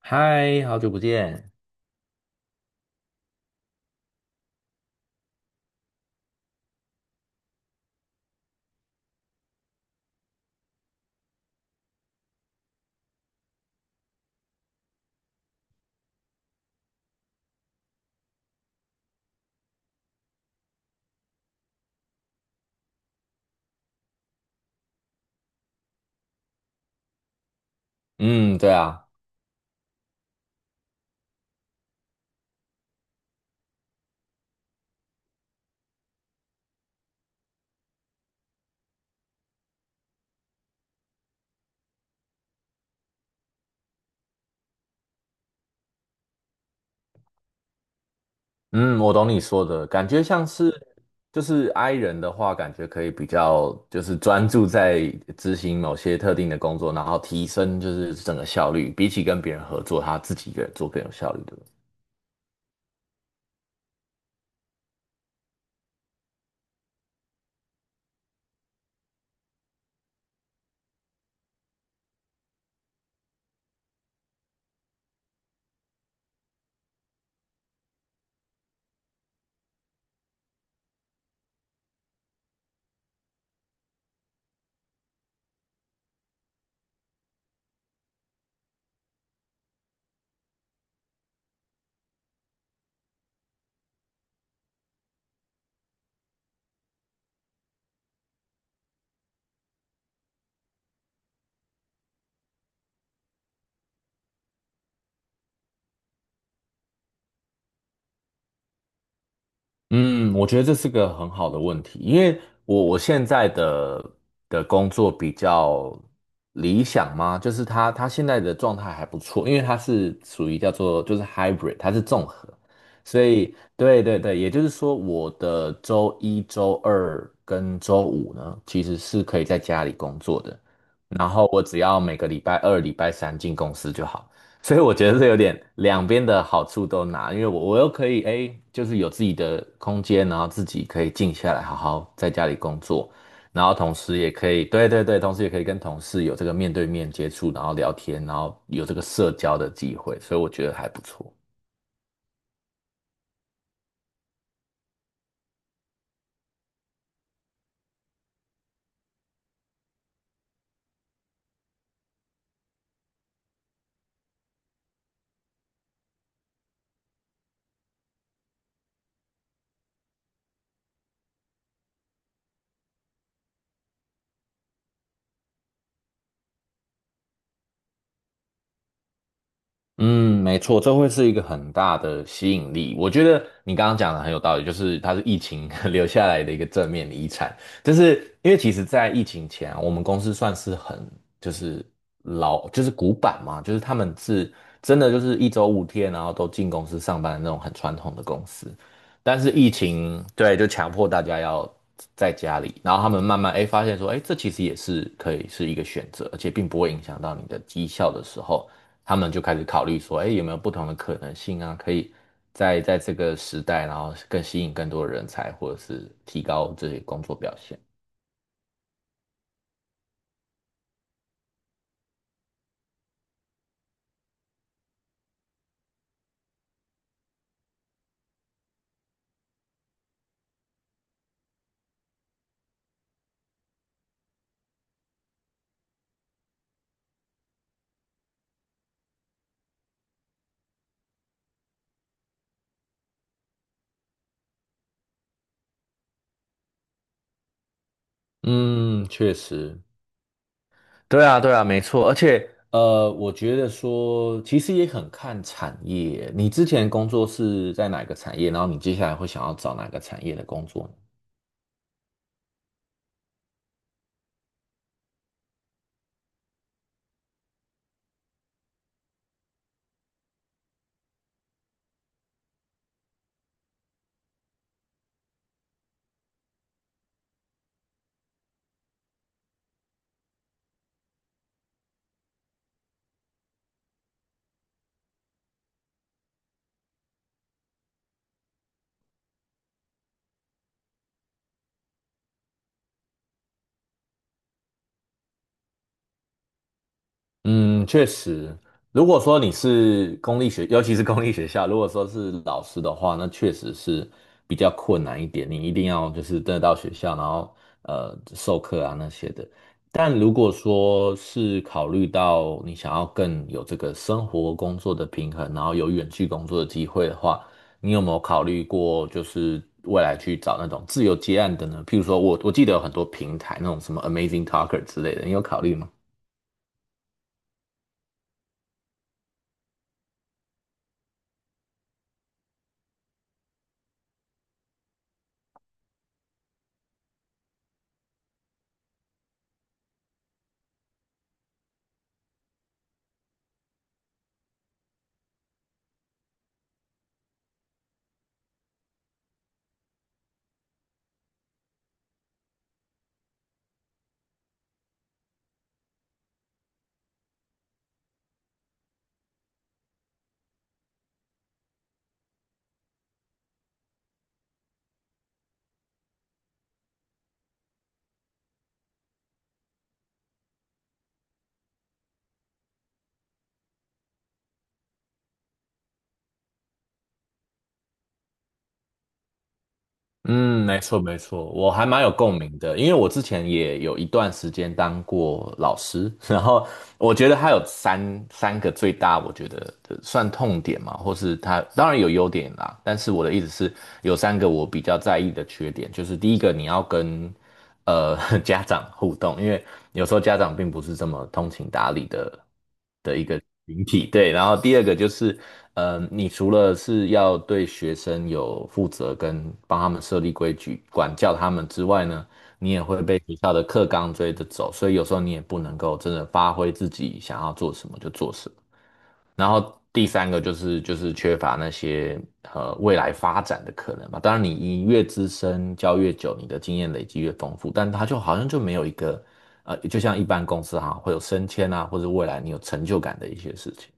嗨，好久不见。嗯，对啊，嗯，我懂你说的，感觉像是就是 I 人的话，感觉可以比较就是专注在执行某些特定的工作，然后提升就是整个效率，比起跟别人合作，他自己一个人做更有效率的。嗯，我觉得这是个很好的问题，因为我现在的工作比较理想嘛，就是他现在的状态还不错，因为他是属于叫做就是 hybrid，他是综合，所以对对对，也就是说我的周一周二跟周五呢，其实是可以在家里工作的，然后我只要每个礼拜二、礼拜三进公司就好。所以我觉得是有点两边的好处都拿，因为我又可以哎，诶就是有自己的空间，然后自己可以静下来，好好在家里工作，然后同时也可以，对对对，同时也可以跟同事有这个面对面接触，然后聊天，然后有这个社交的机会，所以我觉得还不错。嗯，没错，这会是一个很大的吸引力。我觉得你刚刚讲的很有道理，就是它是疫情 留下来的一个正面的遗产。就是因为其实，在疫情前啊我们公司算是很就是老就是古板嘛，就是他们是真的就是一周5天，然后都进公司上班的那种很传统的公司。但是疫情对，就强迫大家要在家里，然后他们慢慢哎发现说，哎，这其实也是可以是一个选择，而且并不会影响到你的绩效的时候。他们就开始考虑说，哎，有没有不同的可能性啊？可以在这个时代，然后更吸引更多的人才，或者是提高这些工作表现。嗯，确实，对啊，对啊，没错。而且，我觉得说，其实也很看产业。你之前工作是在哪个产业？然后你接下来会想要找哪个产业的工作呢？嗯，确实，如果说你是公立学，尤其是公立学校，如果说是老师的话，那确实是比较困难一点。你一定要就是真的到学校，然后授课啊那些的。但如果说是考虑到你想要更有这个生活工作的平衡，然后有远距工作的机会的话，你有没有考虑过就是未来去找那种自由接案的呢？譬如说我记得有很多平台，那种什么 Amazing Talker 之类的，你有考虑吗？嗯，没错没错，我还蛮有共鸣的，因为我之前也有一段时间当过老师，然后我觉得他有三个最大，我觉得的算痛点嘛，或是他当然有优点啦，但是我的意思是有三个我比较在意的缺点，就是第一个你要跟呃 家长互动，因为有时候家长并不是这么通情达理的一个群体，对。然后第二个就是，你除了是要对学生有负责跟帮他们设立规矩、管教他们之外呢，你也会被学校的课纲追着走，所以有时候你也不能够真的发挥自己想要做什么就做什么。然后第三个就是缺乏那些未来发展的可能嘛。当然，你越资深教越久，你的经验累积越丰富，但他就好像就没有一个就像一般公司哈、会有升迁啊，或者未来你有成就感的一些事情。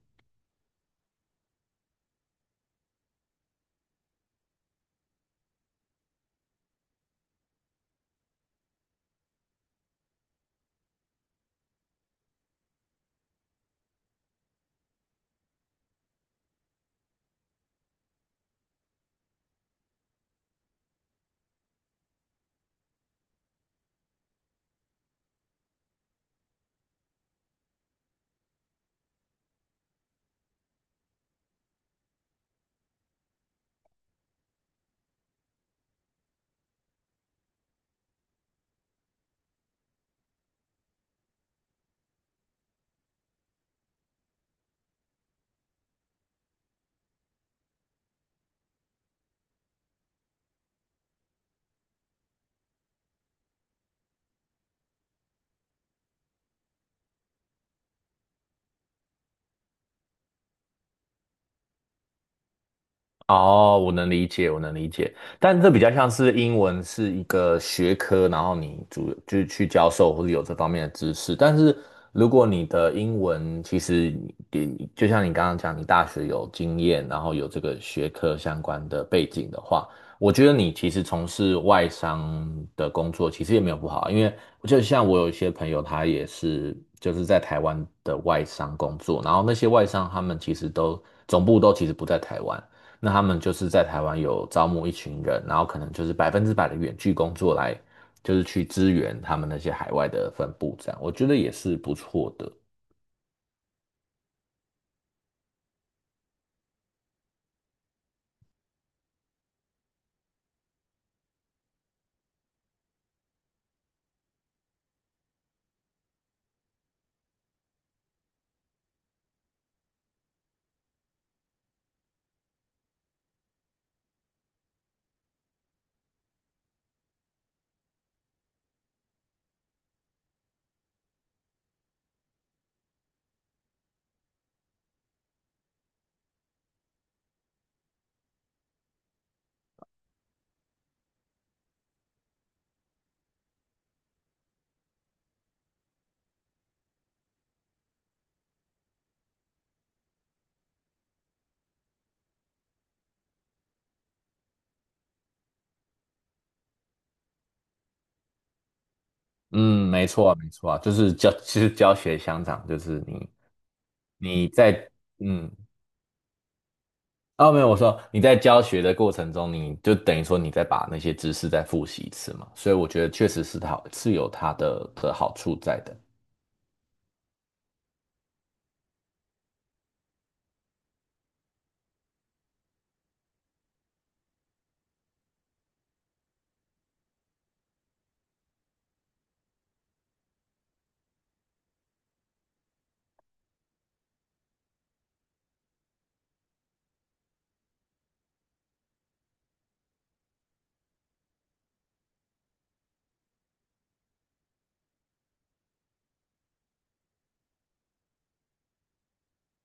哦，我能理解，我能理解，但这比较像是英文是一个学科，然后你主就是去教授或者有这方面的知识。但是如果你的英文其实你就像你刚刚讲，你大学有经验，然后有这个学科相关的背景的话，我觉得你其实从事外商的工作其实也没有不好啊，因为就像我有一些朋友，他也是就是在台湾的外商工作，然后那些外商他们其实都总部都其实不在台湾。那他们就是在台湾有招募一群人，然后可能就是100%的远距工作来，就是去支援他们那些海外的分部，这样我觉得也是不错的。嗯，没错啊，没错啊，就是教，其实教学相长，就是你在嗯，哦，没有，我说你在教学的过程中，你就等于说你再把那些知识再复习一次嘛，所以我觉得确实是好，是有它的好处在的。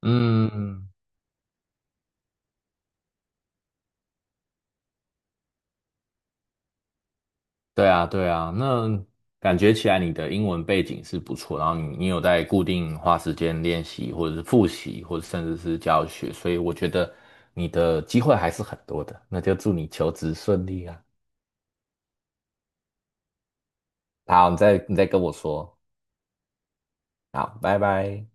嗯，嗯对啊，对啊，那感觉起来你的英文背景是不错，然后你有在固定花时间练习，或者是复习，或者甚至是教学，所以我觉得你的机会还是很多的。那就祝你求职顺利啊！好，你再跟我说，好，拜拜。